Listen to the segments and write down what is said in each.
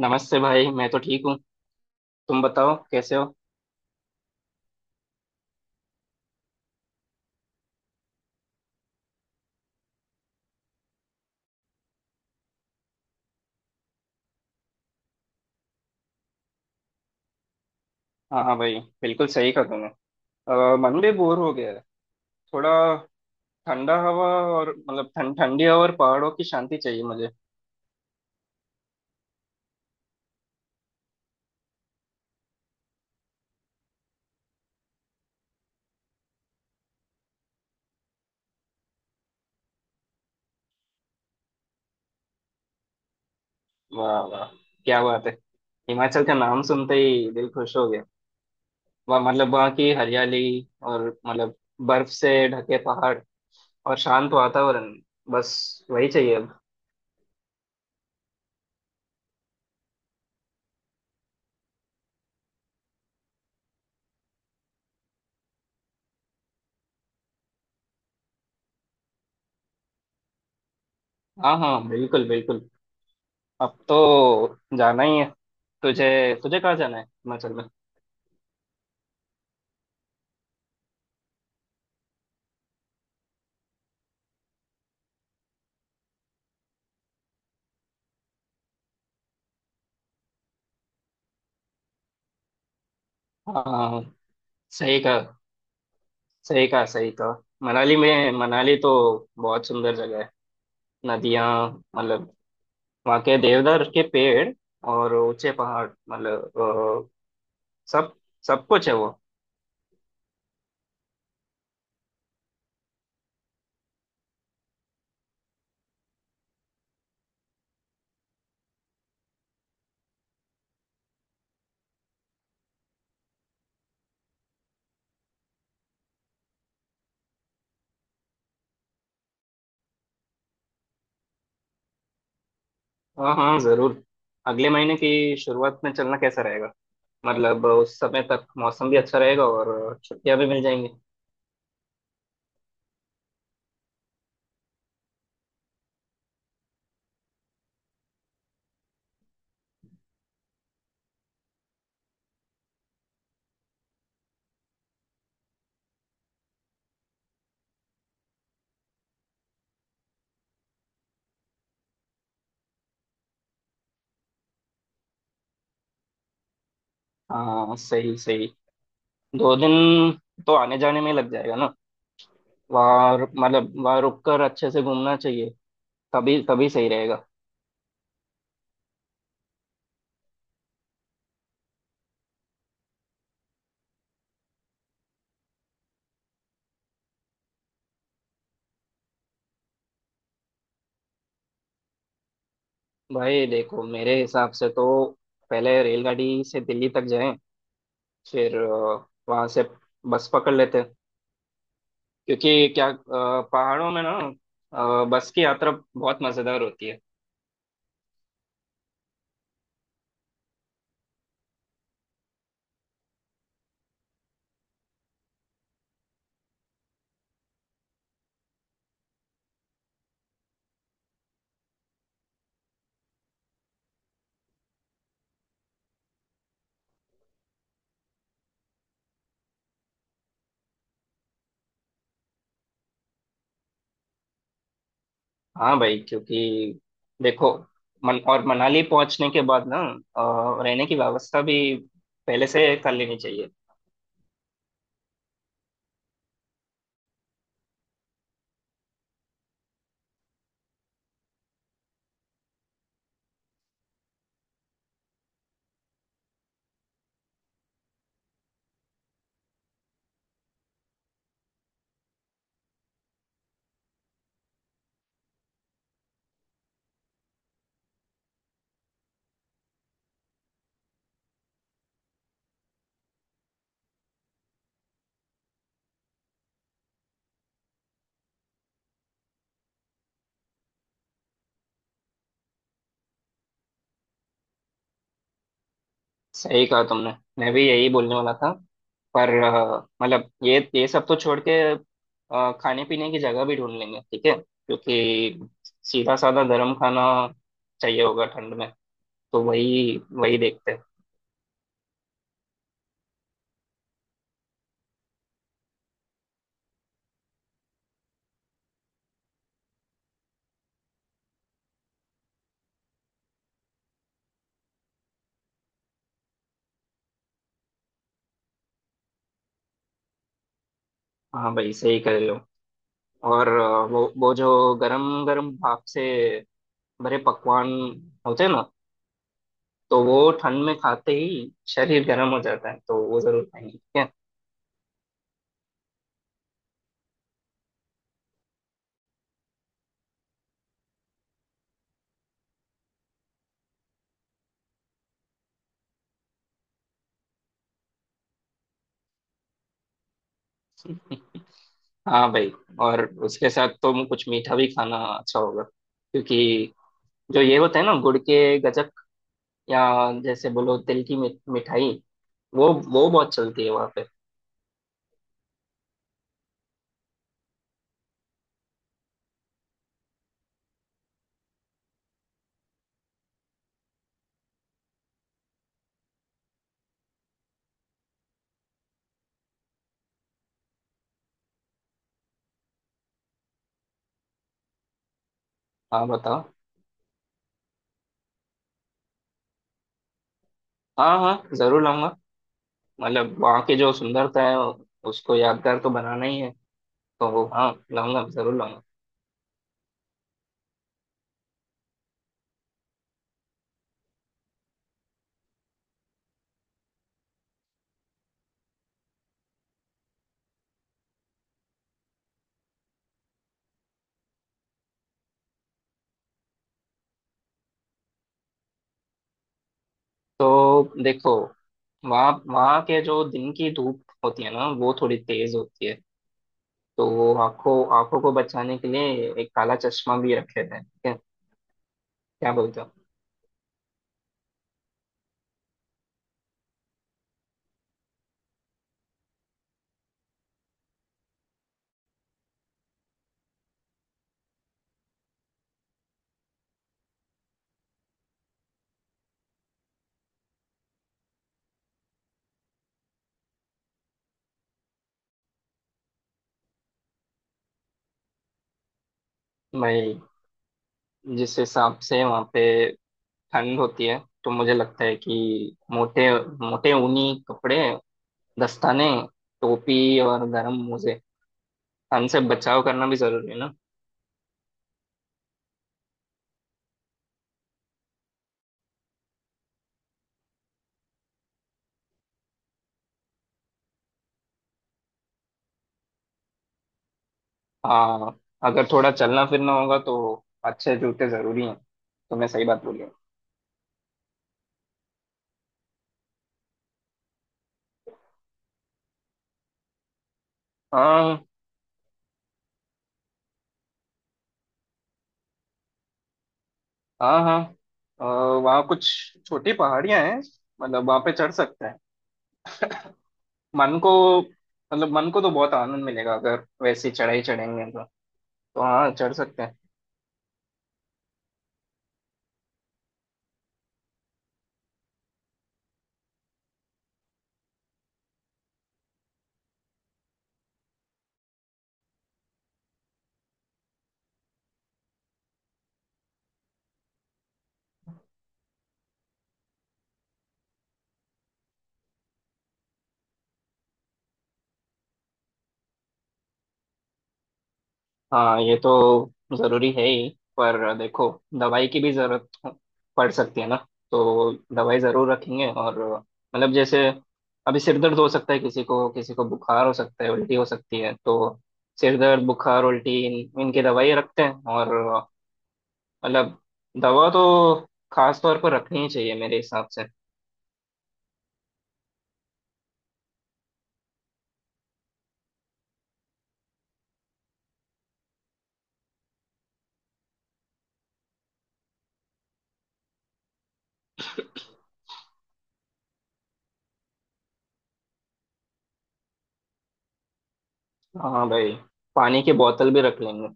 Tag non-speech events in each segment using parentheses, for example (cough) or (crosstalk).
नमस्ते भाई, मैं तो ठीक हूँ। तुम बताओ कैसे हो? हाँ हाँ भाई, बिल्कुल सही कहा तुमने। मन भी बोर हो गया है थोड़ा। ठंडा हवा, और मतलब ठंडी हवा और पहाड़ों की शांति चाहिए मुझे। वाह वाह, क्या बात है! हिमाचल का नाम सुनते ही दिल खुश हो गया। वहाँ मतलब वहाँ की हरियाली और मतलब बर्फ से ढके पहाड़ और शांत वातावरण, बस वही चाहिए अब। हाँ हाँ, बिल्कुल बिल्कुल, अब तो जाना ही है तुझे। तुझे कहाँ जाना है हिमाचल में? हाँ हाँ, सही कहा, सही कहा सही कहा। मनाली तो बहुत सुंदर जगह है। नदियाँ, मतलब वहाँ के देवदार के पेड़ और ऊंचे पहाड़, मतलब सब सब कुछ है वो। हाँ हाँ जरूर। अगले महीने की शुरुआत में चलना कैसा रहेगा? मतलब उस समय तक मौसम भी अच्छा रहेगा और छुट्टियाँ भी मिल जाएंगी। हाँ सही सही। 2 दिन तो आने जाने में लग जाएगा ना, वहाँ मतलब वहाँ रुक कर अच्छे से घूमना चाहिए, तभी तभी सही रहेगा। भाई देखो, मेरे हिसाब से तो पहले रेलगाड़ी से दिल्ली तक जाएं, फिर वहां से बस पकड़ लेते हैं, क्योंकि क्या पहाड़ों में ना, बस की यात्रा बहुत मजेदार होती है। हाँ भाई, क्योंकि देखो, मन और मनाली पहुंचने के बाद ना, रहने की व्यवस्था भी पहले से कर लेनी चाहिए। सही कहा तुमने, मैं भी यही बोलने वाला था, पर मतलब ये सब तो छोड़ के खाने पीने की जगह भी ढूंढ लेंगे, ठीक है, क्योंकि सीधा साधा गर्म खाना चाहिए होगा ठंड में, तो वही वही देखते हैं। हाँ भाई, सही कह रहे हो। और वो जो गरम गरम भाप से भरे पकवान होते हैं ना, तो वो ठंड में खाते ही शरीर गर्म हो जाता है, तो वो जरूर खाएंगे, ठीक है। (laughs) हाँ भाई, और उसके साथ तो कुछ मीठा भी खाना अच्छा होगा, क्योंकि जो ये होता है ना, गुड़ के गजक, या जैसे बोलो तिल की मिठाई, वो बहुत चलती है वहाँ पे। हाँ बताओ। हाँ हाँ जरूर लाऊंगा, मतलब वहाँ की जो सुंदरता है उसको यादगार तो बनाना ही है, तो हाँ, लाऊंगा जरूर लाऊंगा। तो देखो, वहाँ वहाँ के जो दिन की धूप होती है ना, वो थोड़ी तेज होती है, तो वो आंखों आंखों को बचाने के लिए एक काला चश्मा भी रखे थे, क्या बोलते हो? मैं, जिस हिसाब से वहाँ पे ठंड होती है, तो मुझे लगता है कि मोटे मोटे ऊनी कपड़े, दस्ताने, टोपी और गर्म मोजे, ठंड से बचाव करना भी जरूरी है ना। हाँ, अगर थोड़ा चलना फिरना होगा तो अच्छे जूते जरूरी हैं, तुमने सही बात बोली है। हाँ हाँ हाँ, अ, वहाँ कुछ छोटी पहाड़ियाँ हैं, मतलब वहाँ पे चढ़ सकते हैं, मन को, मतलब मन को तो बहुत आनंद मिलेगा अगर वैसी चढ़ाई चढ़ेंगे तो हाँ, चढ़ सकते हैं। हाँ, ये तो जरूरी है ही, पर देखो, दवाई की भी जरूरत पड़ सकती है ना, तो दवाई जरूर रखेंगे, और मतलब जैसे अभी सिर दर्द हो सकता है किसी को, किसी को बुखार हो सकता है, उल्टी हो सकती है, तो सिर दर्द बुखार उल्टी इनकी दवाई रखते हैं, और मतलब दवा तो खास तौर पर रखनी ही चाहिए मेरे हिसाब से। हाँ भाई, पानी की बोतल भी रख लेंगे,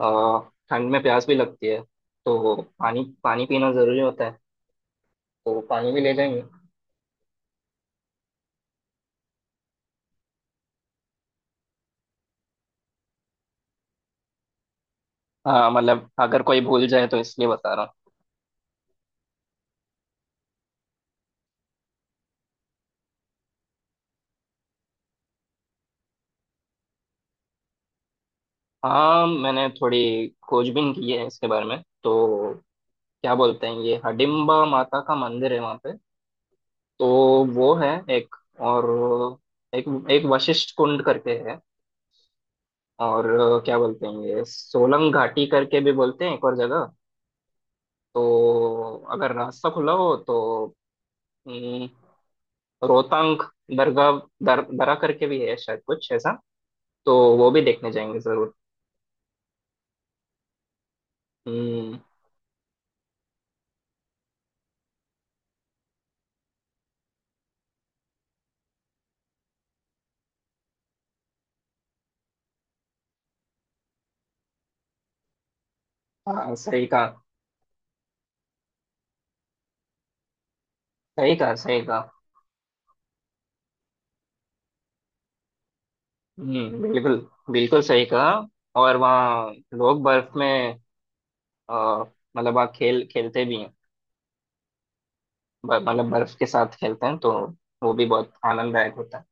आ, ठंड में प्यास भी लगती है, तो पानी पानी पीना जरूरी होता है, तो पानी भी ले जाएंगे। हाँ मतलब अगर कोई भूल जाए तो इसलिए बता रहा हूँ। हाँ, मैंने थोड़ी खोजबीन की है इसके बारे में, तो क्या बोलते हैं, ये हडिम्बा माता का मंदिर है वहाँ पे, तो वो है एक, और एक एक वशिष्ठ कुंड करके है, और क्या बोलते हैं, ये सोलंग घाटी करके भी बोलते हैं, एक और जगह, तो अगर रास्ता खुला हो तो हम्म, रोहतांग दरगाह, दरा करके भी है शायद कुछ ऐसा, तो वो भी देखने जाएंगे जरूर। हम्म। हाँ सही कहा, सही कहा सही कहा। हम्म, बिल्कुल, बिल्कुल सही कहा। और वहाँ लोग बर्फ में अ, मतलब वहाँ खेल खेलते भी हैं, मतलब बर्फ के साथ खेलते हैं, तो वो भी बहुत आनंददायक होता है।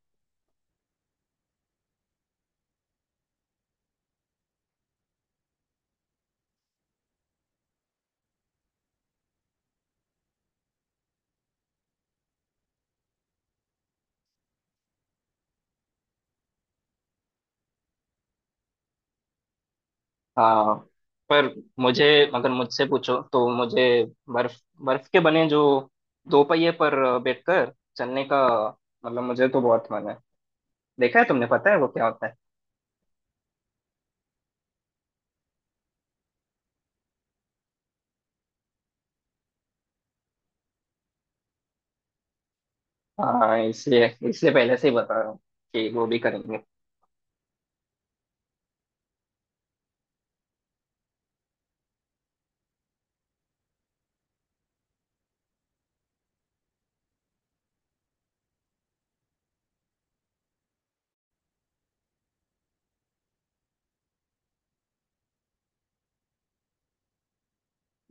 हाँ, पर मुझे, अगर मुझसे पूछो तो मुझे बर्फ बर्फ के बने जो दो पहिए पर बैठकर चलने का, मतलब मुझे तो बहुत मन है, देखा है तुमने? पता है वो क्या होता है? हाँ, इसलिए इसलिए पहले से ही बता रहा हूँ कि वो भी करेंगे।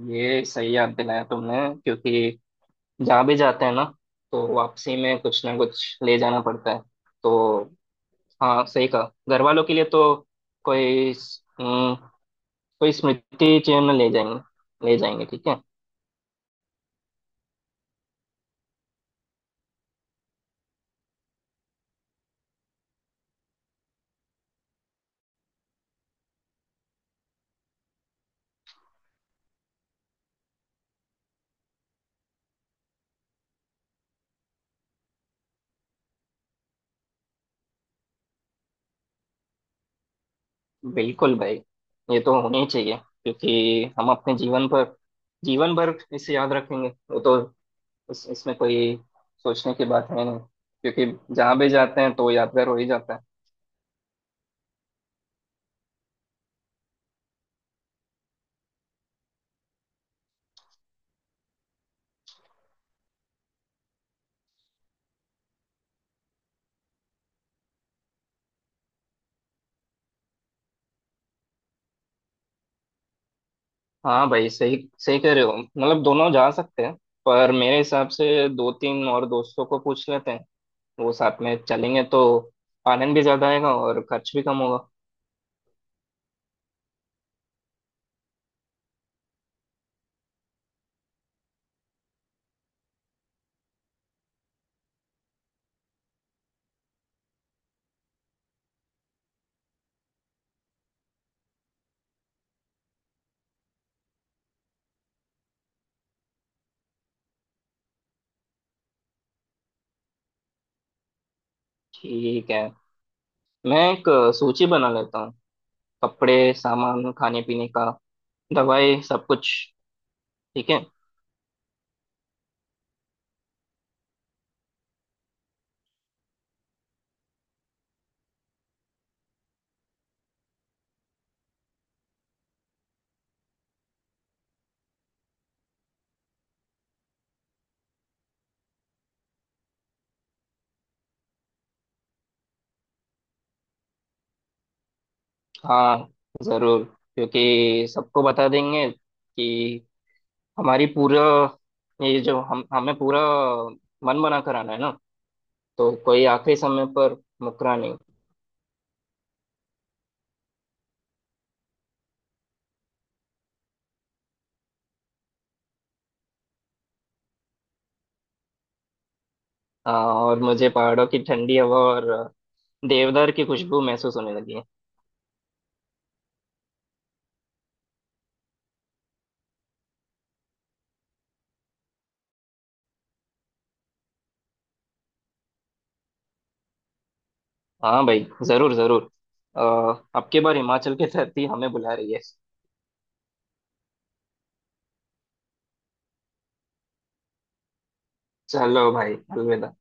ये सही याद दिलाया तुमने, क्योंकि जहाँ भी जाते हैं ना, तो वापसी में कुछ ना कुछ ले जाना पड़ता है, तो हाँ सही कहा, घर वालों के लिए तो कोई, हम्म, कोई स्मृति चिन्ह ले जाएंगे, ले जाएंगे ठीक है। बिल्कुल भाई, ये तो होना ही चाहिए, क्योंकि हम अपने जीवन पर जीवन भर इसे याद रखेंगे वो तो, इसमें कोई सोचने की बात है नहीं, क्योंकि जहाँ भी जाते हैं तो यादगार हो ही जाता है। हाँ भाई, सही सही कह रहे हो, मतलब दोनों जा सकते हैं, पर मेरे हिसाब से दो तीन और दोस्तों को पूछ लेते हैं, वो साथ में चलेंगे तो आनंद भी ज्यादा आएगा और खर्च भी कम होगा। ठीक है, मैं एक सूची बना लेता हूँ, कपड़े, सामान, खाने पीने का, दवाई, सब कुछ, ठीक है। हाँ जरूर, क्योंकि सबको बता देंगे कि हमारी पूरा ये जो हम हमें पूरा मन बना कराना है ना, तो कोई आखिरी समय पर मुकरा नहीं। हाँ, और मुझे पहाड़ों की ठंडी हवा और देवदार की खुशबू महसूस होने लगी है। हाँ भाई, जरूर जरूर। अ, अब की बार हिमाचल की धरती हमें बुला रही है। चलो भाई, अलविदा।